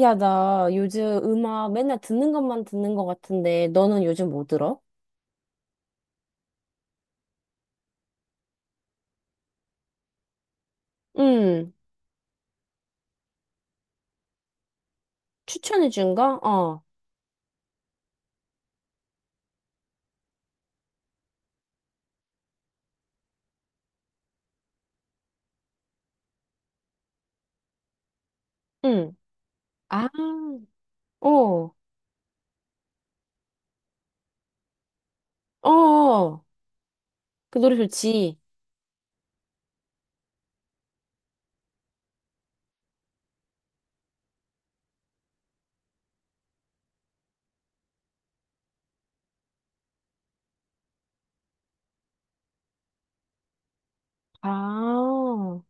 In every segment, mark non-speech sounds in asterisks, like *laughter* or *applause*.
야, 나 요즘 음악 맨날 듣는 것만 듣는 것 같은데, 너는 요즘 뭐 들어? 응, 추천해준 거? 어, 응. 아, 어, 어, 어. 그 노래 좋지. 아,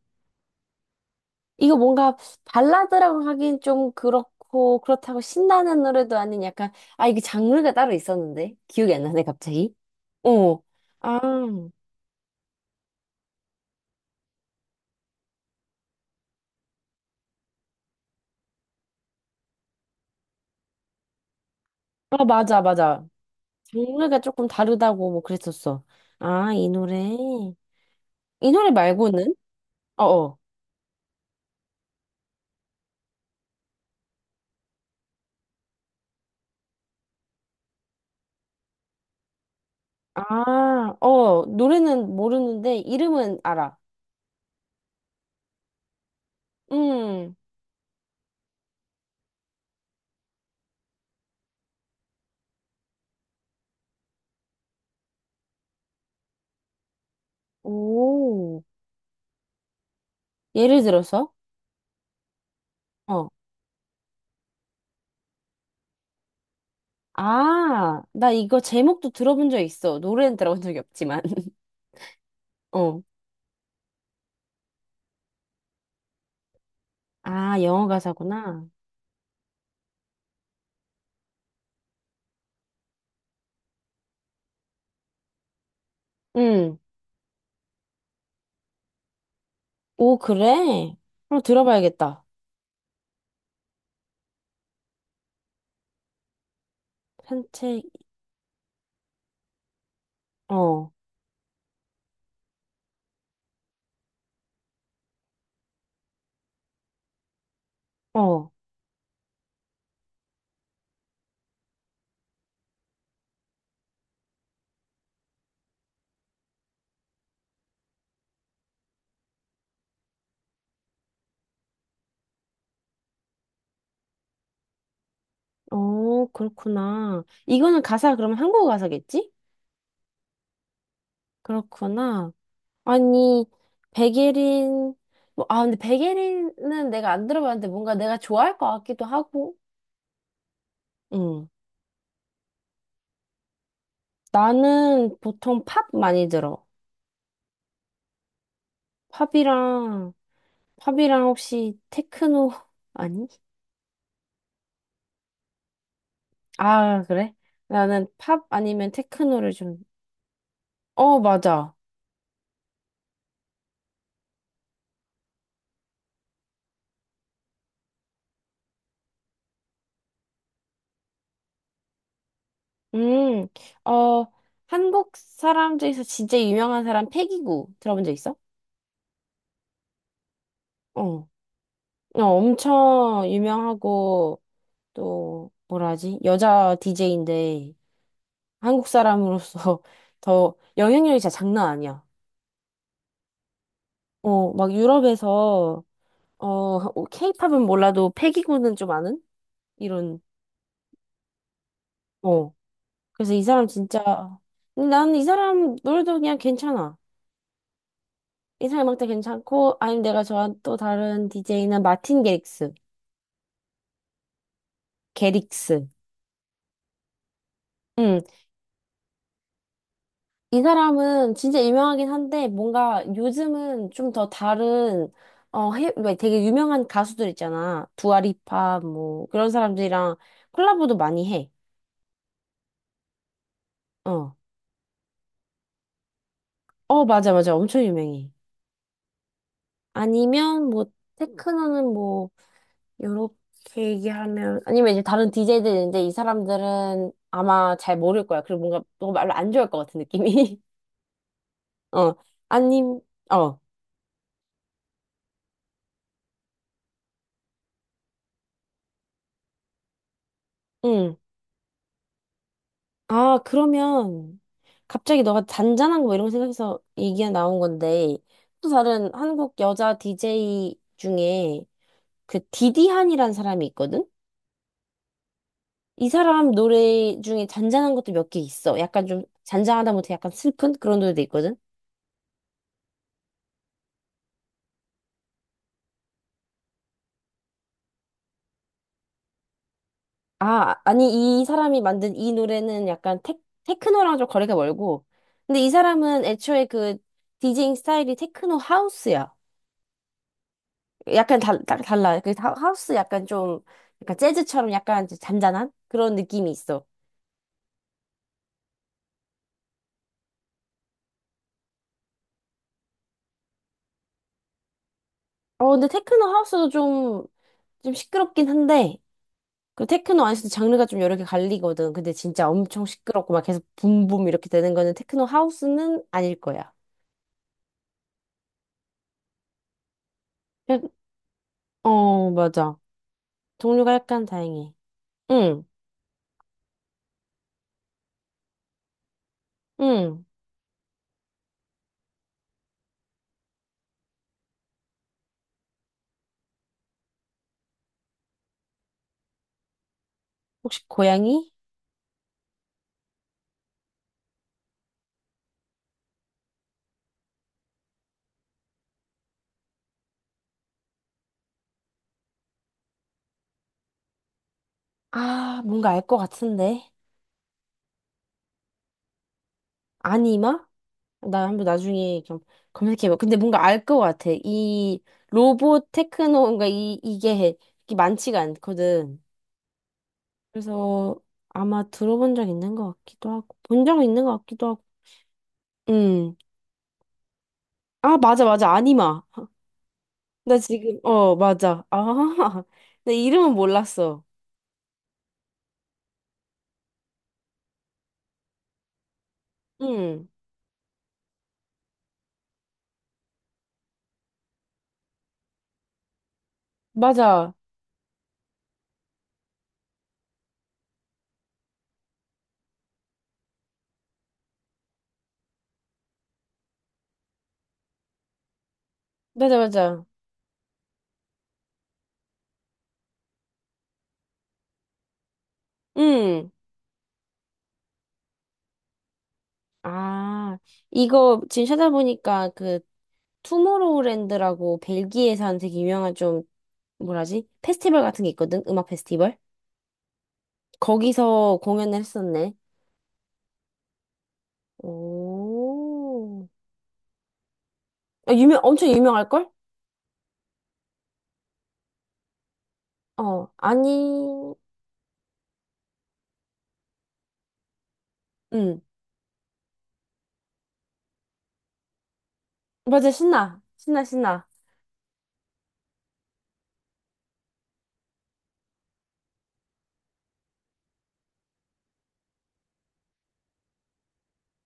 이거 뭔가 발라드라고 하긴 좀 그렇고, 그렇다고 신나는 노래도 아닌 약간, 아, 이게 장르가 따로 있었는데? 기억이 안 나네, 갑자기. 어, 아, 아, 맞아, 맞아. 장르가 조금 다르다고 뭐 그랬었어. 아, 이 노래. 이 노래 말고는? 어어. 아, 어, 노래는 모르는데 이름은 알아. 음, 오. 예를 들어서? 어. 아, 나 이거 제목도 들어본 적 있어. 노래는 들어본 적이 없지만. *laughs* 어. 아, 영어 가사구나. 음. 오, 그래? 그럼 들어봐야겠다. 산책, 어, 어. 어, 그렇구나. 이거는 가사, 그러면 한국어 가사겠지? 그렇구나. 아니, 백예린, 뭐, 아, 근데 백예린은 내가 안 들어봤는데 뭔가 내가 좋아할 것 같기도 하고, 응. 나는 보통 팝 많이 들어. 팝이랑, 팝이랑 혹시 테크노, *laughs* 아니? 아, 그래? 나는 팝 아니면 테크노를 좀, 어, 맞아. 음, 어, 한국 사람 중에서 진짜 유명한 사람 패기구 들어본 적 있어? 어. 어, 엄청 유명하고, 또 뭐라 하지? 여자 DJ인데 한국 사람으로서 *laughs* 더 영향력이 진짜 장난 아니야. 어, 막 유럽에서 어, 어, 케이팝은 몰라도 패기구는 좀 아는 이런 어. 그래서 이 사람 진짜 근데 나는 이 사람 노래도 그냥 괜찮아. 이 사람 음악도 괜찮고 아니면 내가 좋아하는 또 다른 DJ는 마틴 게릭스. 게릭스. 응, 이 사람은 진짜 유명하긴 한데 뭔가 요즘은 좀 더 다른 어 해, 왜 되게 유명한 가수들 있잖아. 두아리파 뭐 그런 사람들이랑 콜라보도 많이 해. 어. 어 맞아 맞아. 엄청 유명해. 아니면 뭐 테크노는 뭐 요렇게 얘기하면 아니면 이제 다른 DJ들 있는데 이 사람들은 아마 잘 모를 거야. 그리고 뭔가 너무 말로 안 좋아할 것 같은 느낌이. *laughs* 어. 아님 어. 응. 아, 그러면 갑자기 너가 잔잔한 거 이런 거 생각해서 얘기가 나온 건데 또 다른 한국 여자 DJ 중에 그 디디한이라는 사람이 있거든? 이 사람 노래 중에 잔잔한 것도 몇 개 있어. 약간 좀 잔잔하다 못해 약간 슬픈 그런 노래도 있거든? 아, 아니 이 사람이 만든 이 노래는 약간 테크노랑 좀 거리가 멀고 근데 이 사람은 애초에 그 디제잉 스타일이 테크노 하우스야. 약간 딱 달라. 그 하우스 약간 좀, 약간 재즈처럼 약간 이제 잔잔한 그런 느낌이 있어. 어, 근데 테크노 하우스도 좀, 좀 시끄럽긴 한데, 그 테크노 안에서도 장르가 좀 여러 개 갈리거든. 근데 진짜 엄청 시끄럽고 막 계속 붐붐 이렇게 되는 거는 테크노 하우스는 아닐 거야. 그 어, 맞아. 종류가 약간 다양해. 응, 응. 혹시 고양이? 아, 뭔가 알 것 같은데. 아니마? 나 한번 나중에 좀 검색해봐. 근데 뭔가 알 것 같아. 이 로봇 테크노인가 이 이게 이게 많지가 않거든. 그래서 아마 들어본 적 있는 것 같기도 하고 본 적 있는 것 같기도 하고. 음. 아 맞아 맞아 아니마. 나 지금 어 맞아. 아. *laughs* 나 이름은 몰랐어. 음. 맞아. 맞아 맞아. 음. 아 이거 지금 찾아보니까 그 투모로우랜드라고 벨기에 산 되게 유명한 좀 뭐라지? 페스티벌 같은 게 있거든? 음악 페스티벌? 거기서 공연을 했었네. 오. 아, 유명, 엄청 유명할걸? 어, 아니, 응. 맞아, 신나. 신나, 신나.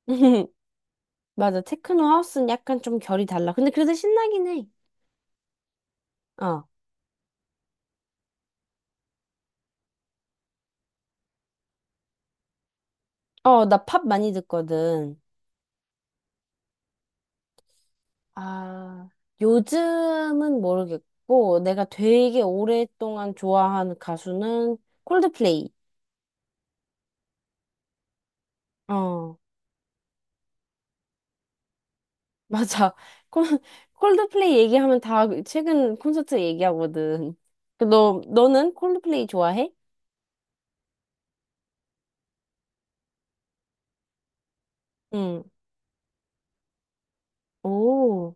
*laughs* 맞아, 테크노 하우스는 약간 좀 결이 달라. 근데 그래도 신나긴 해. 어. 어, 나 팝 많이 듣거든. 아, 요즘은 모르겠고, 내가 되게 오랫동안 좋아하는 가수는 콜드플레이. 어. 맞아. 콜, 콜드플레이 얘기하면 다 최근 콘서트 얘기하거든. 그 너는 콜드플레이 좋아해? 응. 오,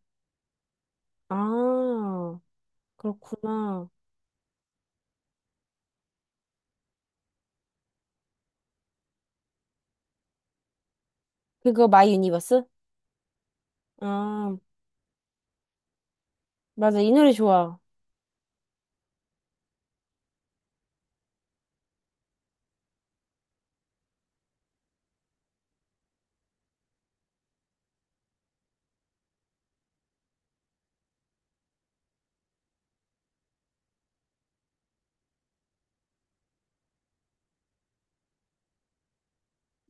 아, 그렇구나. 그거 마이 유니버스? 아, 맞아. 이 노래 좋아.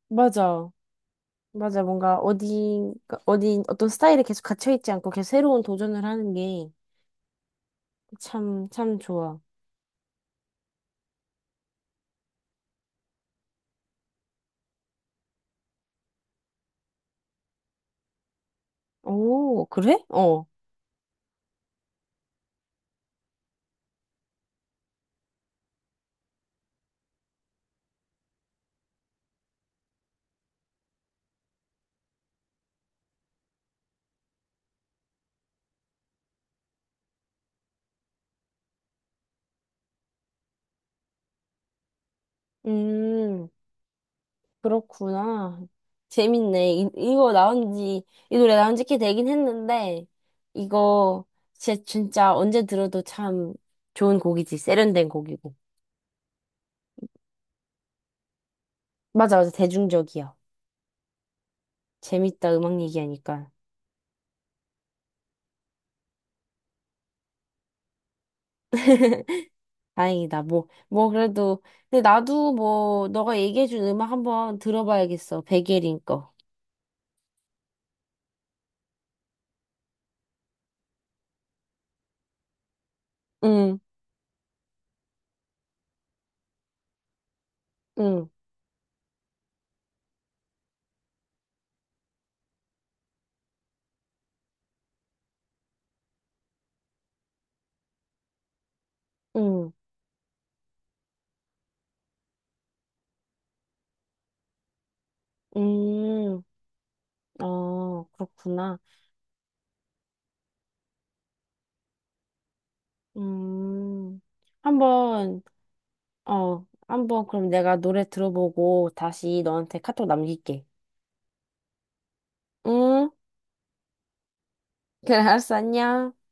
맞아. 맞아. 뭔가 어디, 그러니까 어디, 어떤 스타일에 계속 갇혀있지 않고 계속 새로운 도전을 하는 게 참, 참 좋아. 오, 그래? 어. 음. 그렇구나. 재밌네. 이거 나온 지, 이 노래 나온 지 꽤 되긴 했는데, 이거 진짜, 진짜 언제 들어도 참 좋은 곡이지. 세련된 곡이고. 맞아, 맞아. 대중적이야. 재밌다. 음악 얘기하니까. *laughs* 다행이다. 뭐, 뭐, 그래도. 근데 나도 뭐, 너가 얘기해준 음악 한번 들어봐야겠어. 백예린 거. 응, 응, 응, 응. 어, 그렇구나. 음, 한번. 어, 한번 그럼 내가 노래 들어보고 다시 너한테 카톡 남길게. 응? *laughs* 그래, 알았어, 안녕.